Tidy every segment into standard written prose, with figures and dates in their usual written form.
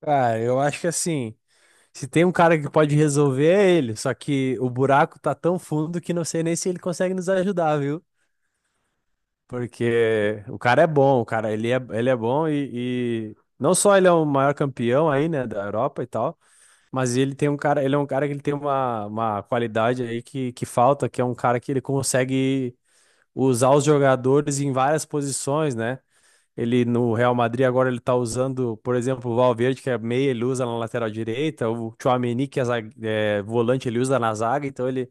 Cara, eu acho que assim, se tem um cara que pode resolver é ele, só que o buraco tá tão fundo que não sei nem se ele consegue nos ajudar, viu? Porque o cara é bom, o cara, ele é bom e não só ele é o maior campeão aí, né, da Europa e tal, mas ele tem um cara, ele é um cara que ele tem uma qualidade aí que falta, que é um cara que ele consegue usar os jogadores em várias posições, né? Ele no Real Madrid agora ele tá usando, por exemplo, o Valverde, que é meia, ele usa na lateral direita, o Tchouaméni, que é, é volante, ele usa na zaga, então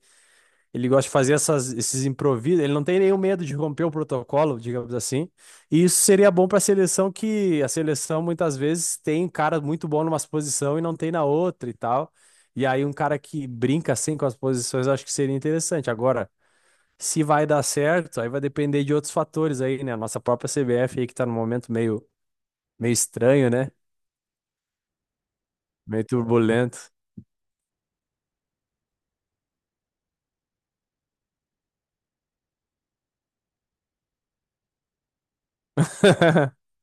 ele gosta de fazer esses improvisos, ele não tem nenhum medo de romper o protocolo, digamos assim. E isso seria bom para a seleção, que a seleção muitas vezes tem cara muito bom numa posição e não tem na outra e tal. E aí um cara que brinca assim com as posições, eu acho que seria interessante. Agora, se vai dar certo, aí vai depender de outros fatores aí, né? A nossa própria CBF aí que tá no momento meio meio estranho, né? Meio turbulento.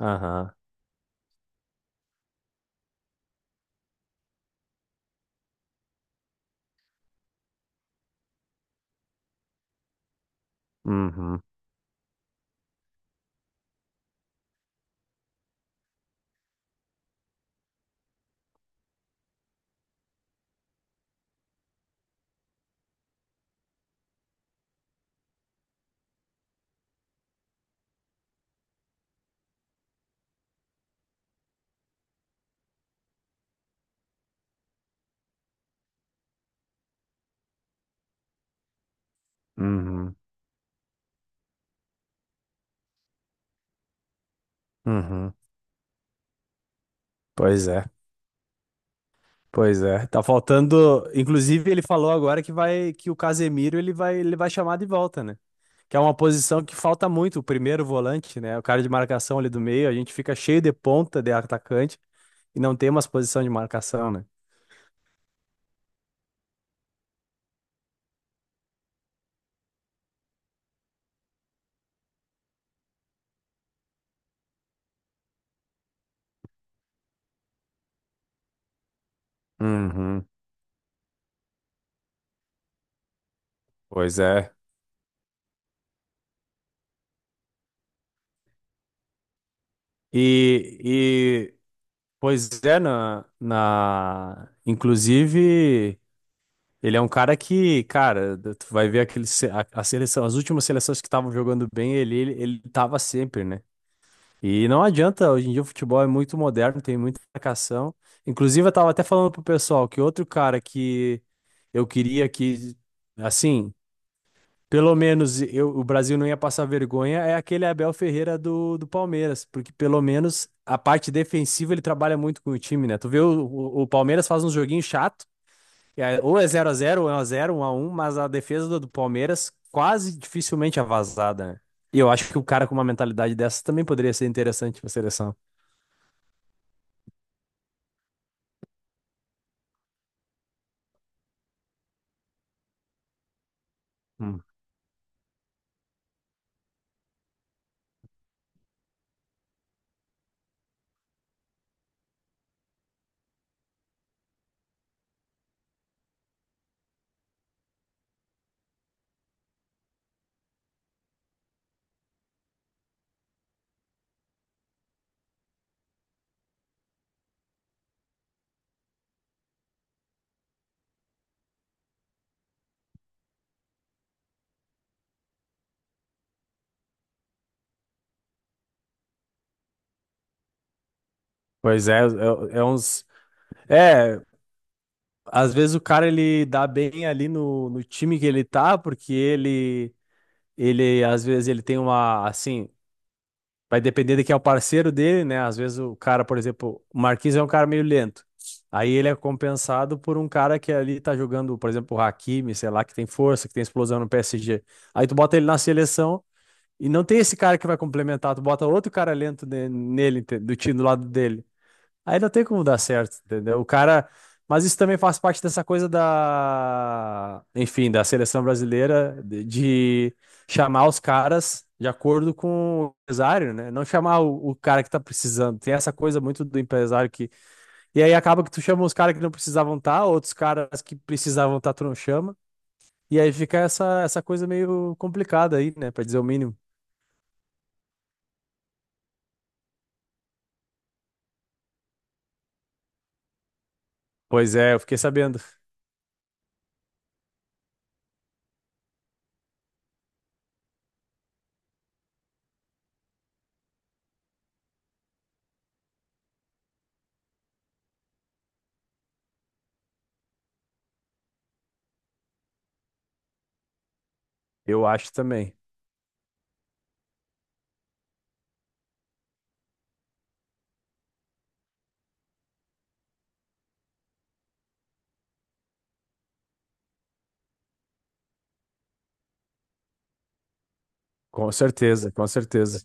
Aham. Uhum. Uhum. Uhum. Pois é. Pois é. Tá faltando. Inclusive, ele falou agora que vai que o Casemiro ele vai chamar de volta, né? Que é uma posição que falta muito, o primeiro volante, né? O cara de marcação ali do meio, a gente fica cheio de ponta de atacante e não tem umas posição de marcação, né? Uhum. Pois é. E pois é, na inclusive. Ele é um cara que, cara, tu vai ver aquele, a seleção, as últimas seleções que estavam jogando bem, ele tava sempre, né? E não adianta, hoje em dia o futebol é muito moderno, tem muita marcação. Inclusive, eu tava até falando pro pessoal que outro cara que eu queria que, assim, pelo menos eu, o Brasil não ia passar vergonha é aquele Abel Ferreira do, do Palmeiras, porque pelo menos a parte defensiva ele trabalha muito com o time, né? Tu vê o Palmeiras faz uns joguinhos chatos ou é zero a zero ou é 1x0, 1x1, mas a defesa do Palmeiras quase dificilmente é vazada, né? E eu acho que o cara com uma mentalidade dessa também poderia ser interessante pra seleção. Hum. Pois é, é, é uns. É, às vezes o cara ele dá bem ali no time que ele tá, porque ele, às vezes, ele tem uma, assim, vai depender de quem é o parceiro dele, né? Às vezes o cara, por exemplo, o Marquinhos é um cara meio lento. Aí ele é compensado por um cara que ali tá jogando, por exemplo, o Hakimi, sei lá, que tem força, que tem explosão no PSG. Aí tu bota ele na seleção e não tem esse cara que vai complementar, tu bota outro cara lento nele, do time do lado dele. Aí não tem como dar certo, entendeu? O cara. Mas isso também faz parte dessa coisa da. Enfim, da seleção brasileira de chamar os caras de acordo com o empresário, né? Não chamar o cara que tá precisando. Tem essa coisa muito do empresário que. E aí acaba que tu chama os caras que não precisavam estar, outros caras que precisavam estar, tu não chama. E aí fica essa coisa meio complicada aí, né? Pra dizer o mínimo. Pois é, eu fiquei sabendo. Eu acho também. Com certeza, com certeza.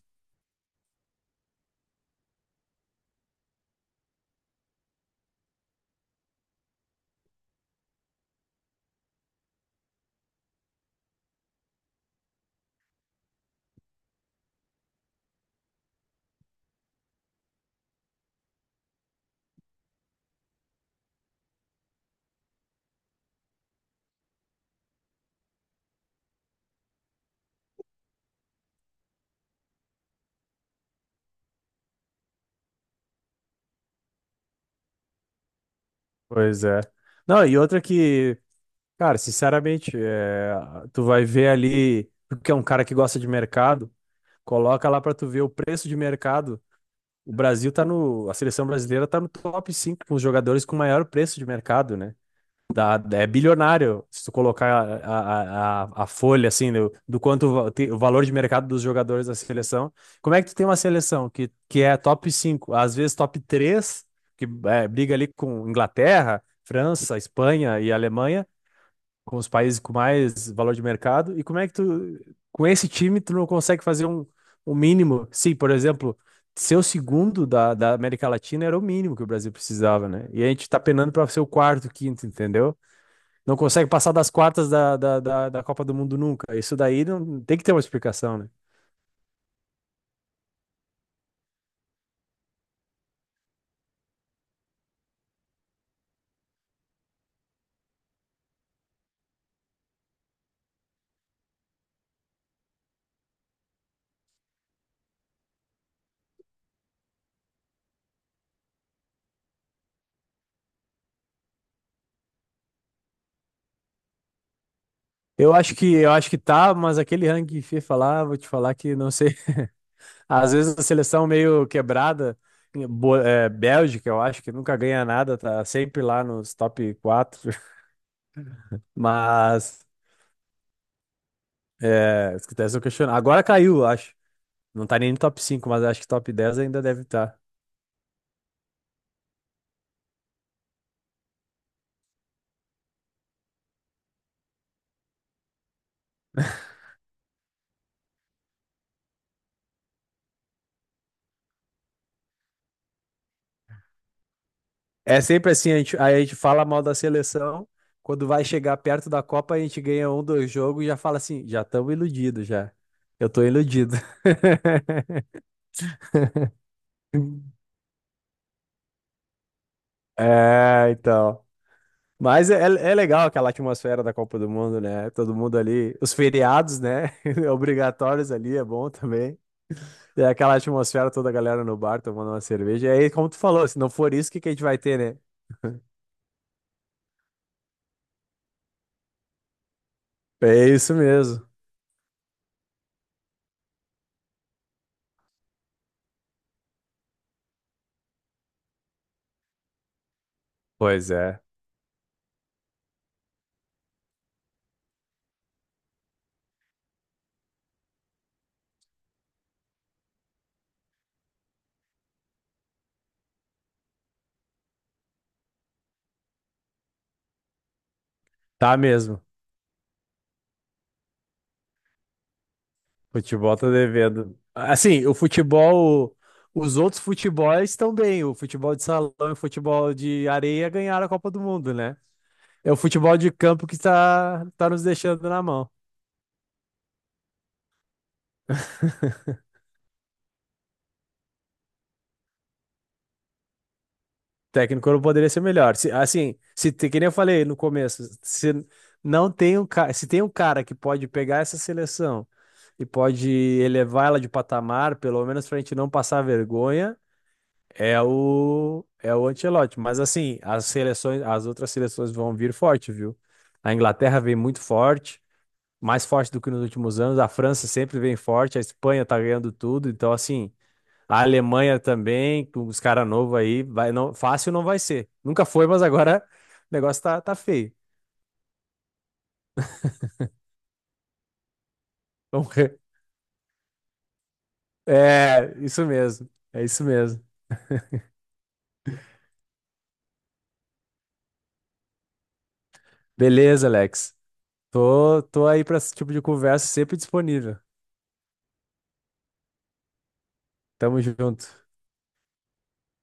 Pois é. Não, e outra que, cara, sinceramente, é, tu vai ver ali, porque é um cara que gosta de mercado, coloca lá pra tu ver o preço de mercado. O Brasil tá no, a seleção brasileira tá no top 5 com os jogadores com maior preço de mercado, né? É bilionário. Se tu colocar a folha, assim, do o valor de mercado dos jogadores da seleção. Como é que tu tem uma seleção que é top 5, às vezes top 3 que é, briga ali com Inglaterra, França, Espanha e Alemanha, com os países com mais valor de mercado? E como é que tu, com esse time, tu não consegue fazer um, um mínimo? Sim, por exemplo. Ser o segundo da América Latina era o mínimo que o Brasil precisava, né? E a gente tá penando para ser o quarto, quinto, entendeu? Não consegue passar das quartas da Copa do Mundo nunca. Isso daí não tem que ter uma explicação, né? Eu acho que tá, mas aquele ranking FIFA lá, vou te falar que não sei. Às vezes a seleção meio quebrada, é, Bélgica, eu acho que nunca ganha nada, tá sempre lá nos top 4. Mas é, se critérios são questionados. Agora caiu, eu acho. Não tá nem no top 5, mas acho que top 10 ainda deve estar. É sempre assim, a gente, aí a gente fala mal da seleção, quando vai chegar perto da Copa, a gente ganha um, dois jogos e já fala assim, já estamos iludidos já. Eu tô iludido. É, então. Mas é, é legal aquela atmosfera da Copa do Mundo, né? Todo mundo ali, os feriados, né? Obrigatórios ali, é bom também. É aquela atmosfera, toda a galera no bar tomando uma cerveja. E aí, como tu falou, se não for isso, o que que a gente vai ter, né? É isso mesmo. Pois é, tá mesmo. Futebol tá devendo. Assim, o futebol, os outros futebols estão bem. O futebol de salão e o futebol de areia ganharam a Copa do Mundo, né? É o futebol de campo que tá nos deixando na mão. Técnico não poderia ser melhor. Assim, se te- que nem eu falei no começo, se não tem um cara, se tem um cara que pode pegar essa seleção e pode elevar ela de patamar, pelo menos pra gente não passar vergonha, é o é o Ancelotti, mas assim, as seleções, as outras seleções vão vir forte, viu? A Inglaterra vem muito forte, mais forte do que nos últimos anos, a França sempre vem forte, a Espanha tá ganhando tudo, então assim, a Alemanha também, com os caras novos aí, vai não, fácil não vai ser. Nunca foi, mas agora o negócio tá feio. Vamos ver. É, isso mesmo. É isso mesmo. Beleza, Alex. Tô aí pra esse tipo de conversa sempre disponível. Tamo junto.